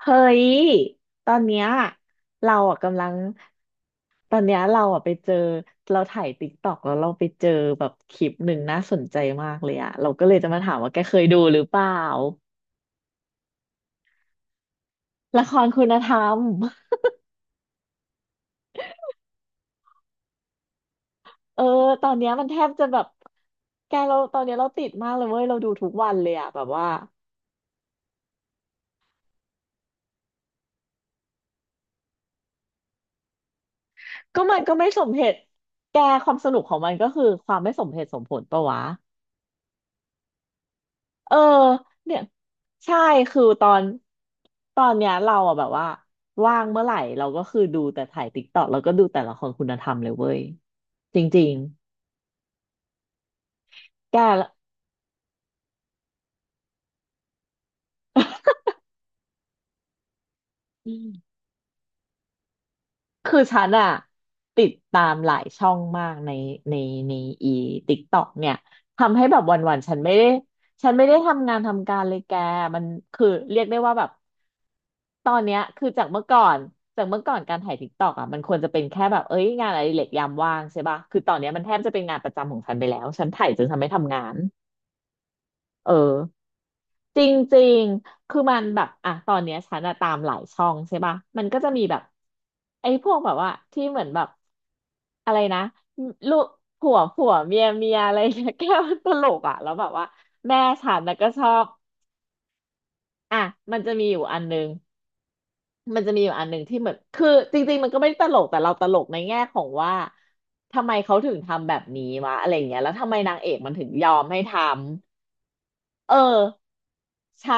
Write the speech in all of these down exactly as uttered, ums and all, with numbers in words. เฮ้ย ตอนเนี้ยเราอ่ะกำลังตอนเนี้ยเราอ่ะไปเจอเราถ่ายติ๊กต็อกแล้วเราไปเจอแบบคลิปหนึ่งน่าสนใจมากเลยอ่ะเราก็เลยจะมาถามว่าแกเคยดูหรือเปล่าละครคุณธรรมเออตอนเนี้ยมันแทบจะแบบแกเราตอนเนี้ยเราติดมากเลยเว้ยเราดูทุกวันเลยอ่ะแบบว่าก็มันก็ไม่สมเหตุแกความสนุกของมันก็คือความไม่สมเหตุสมผลปะวะ เออเนี่ยใช่คือตอนตอนเนี้ยเราอะแบบว่าว่างเมื่อไหร่เราก็คือดูแต่ถ่ายติ๊กต็อกแล้วก็ดูแต่ละครคุณธรรมเลยเว้ยจริงๆแกละ คือฉันอะติดตามหลายช่องมากในในในอีติ๊กต็อกเนี่ยทำให้แบบวันๆฉันไม่ได้ฉันไม่ได้ทำงานทำการเลยแกมันคือเรียกได้ว่าแบบตอนเนี้ยคือจากเมื่อก่อนจากเมื่อก่อนการถ่ายติ๊กต็อกอะมันควรจะเป็นแค่แบบเอ้ยงานอะไรเล็กยามว่างใช่ปะคือตอนเนี้ยมันแทบจะเป็นงานประจำของฉันไปแล้วฉันถ่ายจนฉันไม่ทำงานเออ จริงๆคือมันแบบอ่ะตอนเนี้ยฉันอะตามหลายช่องใช่ป่ะมันก็จะมีแบบไอ้พวกแบบว่าที่เหมือนแบบอะไรนะลูกผัวผัวเมียเมียอะไรเงี้ย แก้ตลกอ่ะแล้วแบบว่าแม่ฉันนะก็ชอบอ่ะมันจะมีอยู่อันนึงมันจะมีอยู่อันหนึ่งที่เหมือนคือจริงๆมันก็ไม่ได้ตลกแต่เราตลกในแง่ของว่าทำไมเขาถึงทำแบบนี้วะอะไรอย่างเงี้ยแล้วทำไมนางเอกมันถึงยอมให้ทำ เออใช่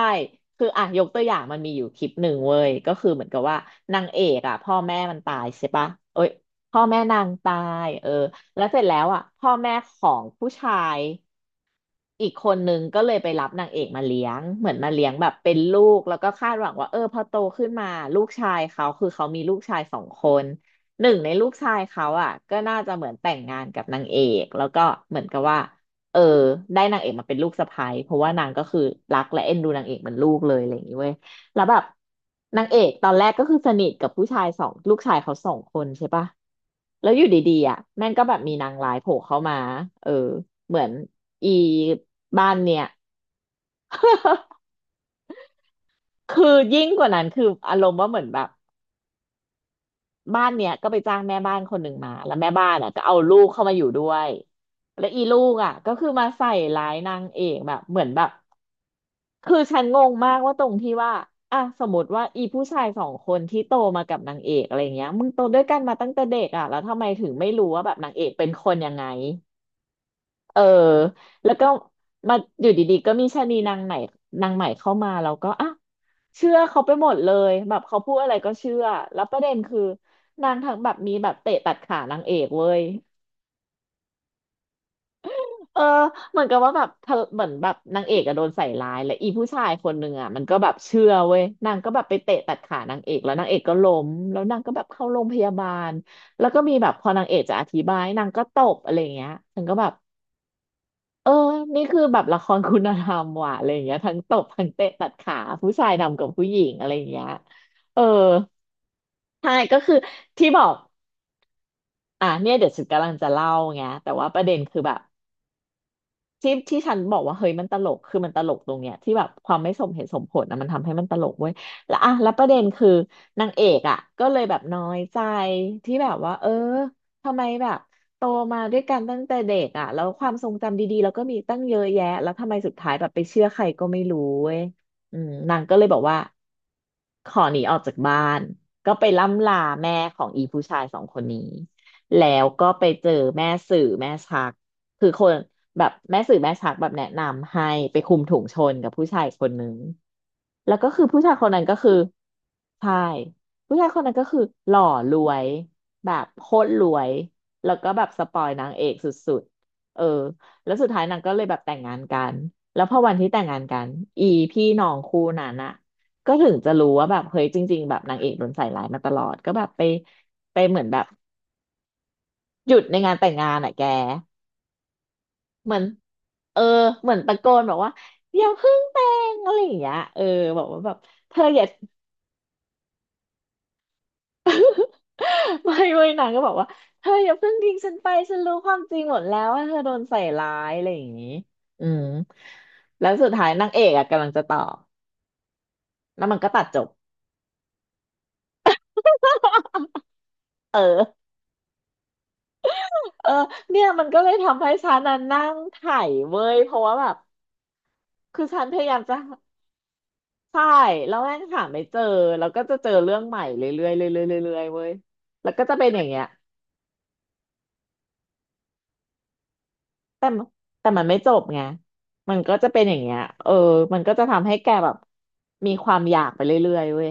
คืออ่ะยกตัวอย่างมันมีอยู่คลิปหนึ่งเว้ยก็คือเหมือนกับว่านางเอกอ่ะพ่อแม่มันตายใช่ปะเอ้ยพ่อแม่นางตายเออแล้วเสร็จแล้วอ่ะพ่อแม่ของผู้ชาย อีกคนนึงก็เลยไปรับนางเอกมาเลี้ยงเหมือนมาเลี้ยงแบบเป็นลูกแล้วก็คาดหวังว่าเออพอโตขึ้นมาลูกชายเขาคือเขามีลูกชายสองคนหนึ่งในลูกชายเขาอ่ะก็น่าจะเหมือนแต่งงานกับนางเอกแล้วก็เหมือนกับว่าเออได้นางเอกมาเป็นลูกสะใภ้เพราะว่านางก็คือรักและเอ็นดูนางเอกเหมือนลูกเลยอะไรอย่างนี้เว้ย แล้วแบบนางเอกตอนแรกก็คือสนิทกับผู้ชายสองลูกชายเขาสองคนใช่ปะแล้วอยู่ดีๆอ่ะแม่งก็แบบมีนางร้ายโผล่เข้ามาเออเหมือนอีบ้านเนี่ย คือยิ่งกว่านั้นคืออารมณ์ว่าเหมือนแบบบ้านเนี้ยก็ไปจ้างแม่บ้านคนหนึ่งมาแล้วแม่บ้านอ่ะก็เอาลูกเข้ามาอยู่ด้วยแล้วอีลูกอ่ะก็คือมาใส่ร้ายนางเอกแบบเหมือนแบบ คือฉันงงมากว่าตรงที่ว่าอ่ะสมมติว่าอีผู้ชายสองคนที่โตมากับนางเอกอะไรเงี้ยมึงโตด้วยกันมาตั้งแต่เด็กอ่ะแล้วทำไมถึงไม่รู้ว่าแบบนางเอกเป็นคนยังไงเออแล้วก็มาอยู่ดีๆก็มีชะนีนางไหนนางใหม่เข้ามาแล้วก็อ่ะเชื่อเขาไปหมดเลยแบบเขาพูดอะไรก็เชื่อแล้วประเด็นคือนางทั้งแบบมีแบบเตะตัดขานางเอกเว้ย เออเหมือนกับว่าแบบเธอเหมือนแบบนางเอกอะโดนใส่ร้ายและอีผู้ชายคนหนึ่งอะมันก็แบบเชื่อเว้ยนางก็แบบไปเตะตัดขานางเอกแล้วนางเอกก็ล้มแล้วนางก็แบบเข้าโรงพยาบาลแล้วก็มีแบบพอนางเอกจะอธิบายนางก็ตบอะไรอย่างเงี้ยฉันก็แบบเออนี่คือแบบละครคุณธรรมว่ะอะไรอย่างเงี้ยทั้งตบทั้งเตะตัดขาผู้ชายนำกับผู้หญิงอะไรอย่างเงี้ยเออใช่ก็คือที่บอกอ่ะเนี่ยเดี๋ยวฉันกำลังจะเล่าไงแต่ว่าประเด็นคือแบบ ที่ที่ฉันบอกว่าเฮ้ยมันตลกคือมันตลกตรงเนี้ยที่แบบความไม่สมเหตุสมผลนะมันทำให้มันตลกเว้ยแล้วอ่ะแล้วประเด็นคือนางเอกอ่ะก็เลยแบบน้อยใจที่แบบว่าเออทำไมแบบโตมาด้วยกันตั้งแต่เด็กอ่ะแล้วความทรงจำดีๆแล้วก็มีตั้งเยอะแยะแล้วทำไมสุดท้ายแบบไปเชื่อใครก็ไม่รู้เว้ยอืมนางก็เลยบอกว่าขอหนีออกจากบ้านก็ไปล่ำลาแม่ของอีผู้ชายสองคนนี้แล้วก็ไปเจอแม่สื่อแม่ชัก คือคนแบบแม่สื่อแม่ชักแบบแนะนำให้ไปคุมถุงชนกับผู้ชายคนนึงแล้วก็คือผู้ชายคนนั้นก็คือใช่ผู้ชายคนนั้นก็คือหล่อรวยแบบโคตรรวยแล้วก็แบบสปอยนางเอกสุดๆเออแล้วสุดท้ายนางก็เลยแบบแต่งงานกันแล้วพอวันที่แต่งงานกันอีพี่น้องคู่นั้นอะก็ถึงจะรู้ว่าแบบเฮ้ยจริงๆแบบนางเอกโดนใส่ร้ายมาตลอดก็แบบไปไปเหมือนแบบหยุดในงานแต่งงานอะแก เหมือนเออเหมือนตะโกนบอกว่าอย่าเพิ่งแต่งอะไรอย่างเงี้ยเออบอกว่าแบบเธออย่า ไม่ไม่นางก็บอกว่าเธออย่าเพิ่งทิ้งฉันไปฉันรู้ความจริงหมดแล้วว่าเธอโดนใส่ร้ายอะไรอย่างงี้อืมแล้วสุดท้ายนางเอกอะกำลังจะตอบแล้วมันก็ตัดจบเออเออเนี่ยมันก็เลยทำให้ฉันน่ะนั่งไถเว้ยเพราะว่าแบบคือฉันพยายามจะใช่แล้วแม่งหาไม่เจอแล้วก็จะเจอเรื่องใหม่เรื่อยๆเรื่อยๆเรื่อยๆเว้ยแล้วก็จะเป็นอย่างเงี้ย แต่มแต่มันไม่จบไงมันก็จะเป็นอย่างเงี้ยเออมันก็จะทำให้แกแบบมีความอยากไปเรื่อยๆเว้ย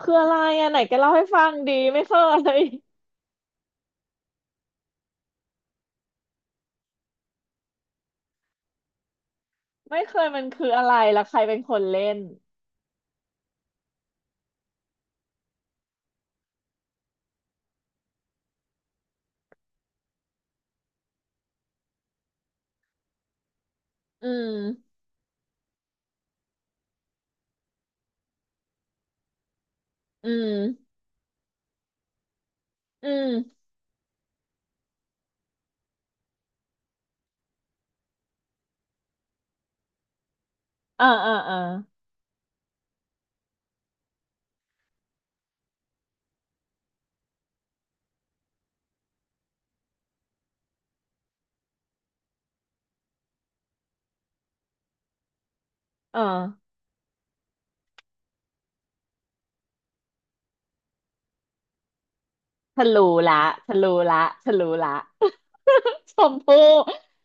คืออะไรอ่ะไหนแกเล่าให้ฟังดีไม่เคย ไม่เคยมันคืออะไรแล้วใครเป็นคนเล่นอืมอืมอืมเออเออเออเออฉันรู้ละฉันรู้ละฉันรู้ละ ชมพู่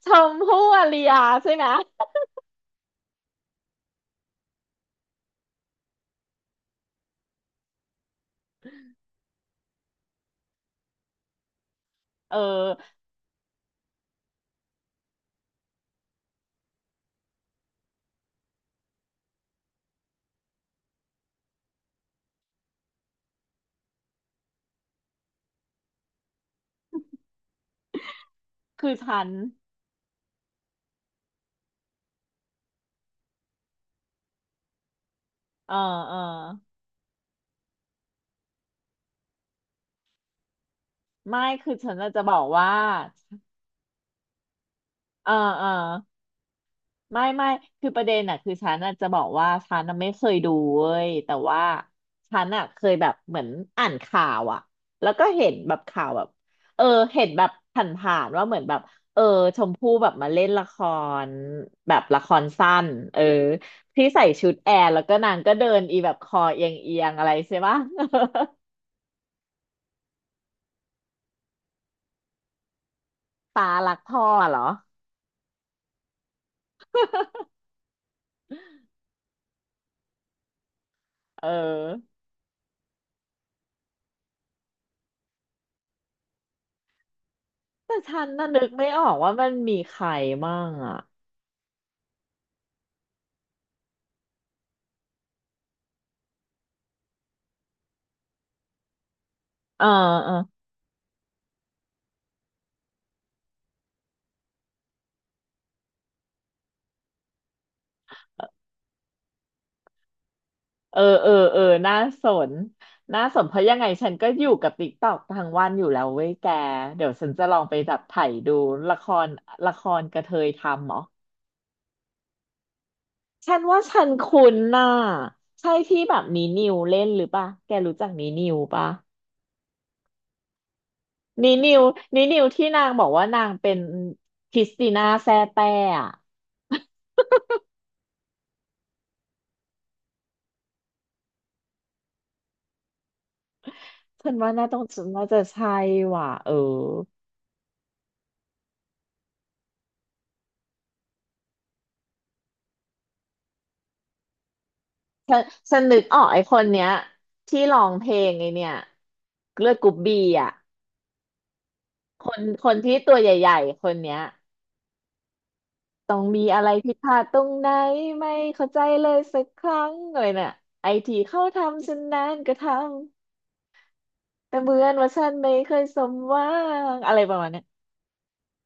ชมพู่อารยาใช่ไหมเออคือฉันเออเออไม่คือฉันน่ะจะบอกว่าเออเออ ไม่ไม่คือประเด็นอะคือฉันอะจะบอกว่าฉันอะไม่เคยดูเว้ยแต่ว่าฉันอะเคยแบบเหมือนอ่านข่าวอะแล้วก็เห็นแบบข่าวแบบเออเห็นแบบผ่านๆว่าเหมือนแบบเออชมพู่แบบมาเล่นละครแบบละครสั้นเออที่ใส่ชุดแอร์แล้วก็นางก็เดินอีแบบคอเอียงเอียงอะไรใช่ปะ ตารักพ่อเหรอเออแต่ฉันน่ะนึกไม่ออกว่ามันมีใครมั่งอะเออเออ เออเออเออน่าสนน่าสนเพราะยังไงฉันก็อยู่กับติ๊กตอกทั้งวันอยู่แล้วเว้ยแกเดี๋ยวฉันจะลองไปดับไถ่ดูละครละครกระเทยทำเหรอฉันว่าฉันคุ้นน่ะใช่ที่แบบนีนิวเล่นหรือปะแกรู้จักนีนิวปะนีนิวนีนิวที่นางบอกว่านางเป็นคริสติน่าแซ่แต้อะ ฉันว่าน่าต้องน่าจะใช่ว่ะเออ ฉันฉันนึกออกไอ้คนเนี้ยที่ร้องเพลงไอเนี่ยเลือดกรุ๊ปบีอ่ะคนคนที่ตัวใหญ่ๆคนเนี้ยต้องมีอะไรผิดพลาดตรงไหนไม่เข้าใจเลยสักครั้งเลยน่ะไอทีเขาทำฉันนานก็ทำแต่เหมือนว่าฉันไม่เคยสมหวังอะไรประมาณเนี้ย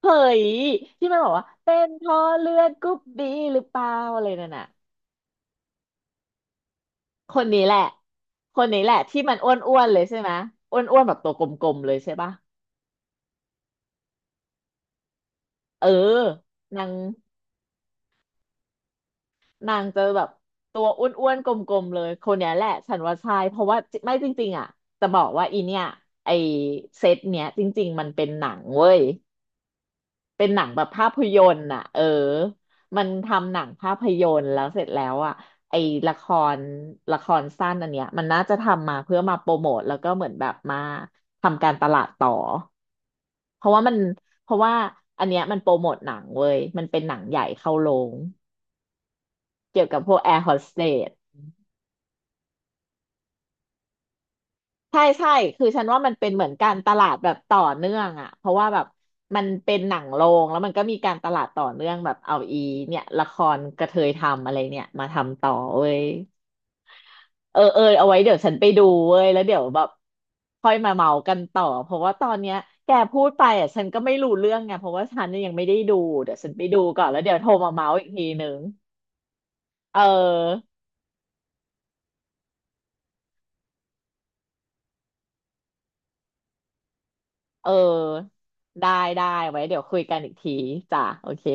เฮ้ยที่มันบอกว่าเป็นเพราะเลือดกรุ๊ปบีหรือเปล่าอะไรนั่นน่ะคนนี้แหละคนนี้แหละที่มันอ้วนๆเลยใช่ไหมอ้วนๆแบบตัวกลมๆเลยใช่ปะ เออนางนางจะแบบตัวอ้วนๆกลมๆเลยคนเนี้ยแหละฉันว่าใช่เพราะว่าจิไม่จริงๆอ่ะจะบอกว่าอีเนี่ยไอเซตเนี้ยจริงๆมันเป็นหนังเว้ยเป็นหนังแบบภาพยนตร์น่ะเออมันทำหนังภาพยนตร์แล้วเสร็จแล้วอ่ะไอละครละครสั้นอันเนี้ยมันน่าจะทำมาเพื่อมาโปรโมทแล้วก็เหมือนแบบมาทำการตลาดต่อเพราะว่ามันเพราะว่าอันเนี้ยมันโปรโมทหนังเว้ยมันเป็นหนังใหญ่เข้าโรง เกี่ยวกับพวกแอร์โฮสเตสใช่ใช่คือฉันว่ามันเป็นเหมือนการตลาดแบบต่อเนื่องอ่ะเพราะว่าแบบมันเป็นหนังโรงแล้วมันก็มีการตลาดต่อเนื่องแบบเอาอีเนี่ยละครกระเทยทำอะไรเนี่ยมาทำต่อเว้ยเออเออเอาไว้เดี๋ยวฉันไปดูเว้ยแล้วเดี๋ยวแบบค่อยมาเมากันต่อเพราะว่าตอนเนี้ยแกพูดไปอ่ะฉันก็ไม่รู้เรื่องไงเพราะว่าฉันเนี่ยยังไม่ได้ดูเดี๋ยวฉันไปดูก่อนแล้วเดี๋ยวโทรมาเมาส์อีกทีนึงเออ เออได้ได้ไว้เดี๋ยวคุยกันอีกทีจ้ะโอเค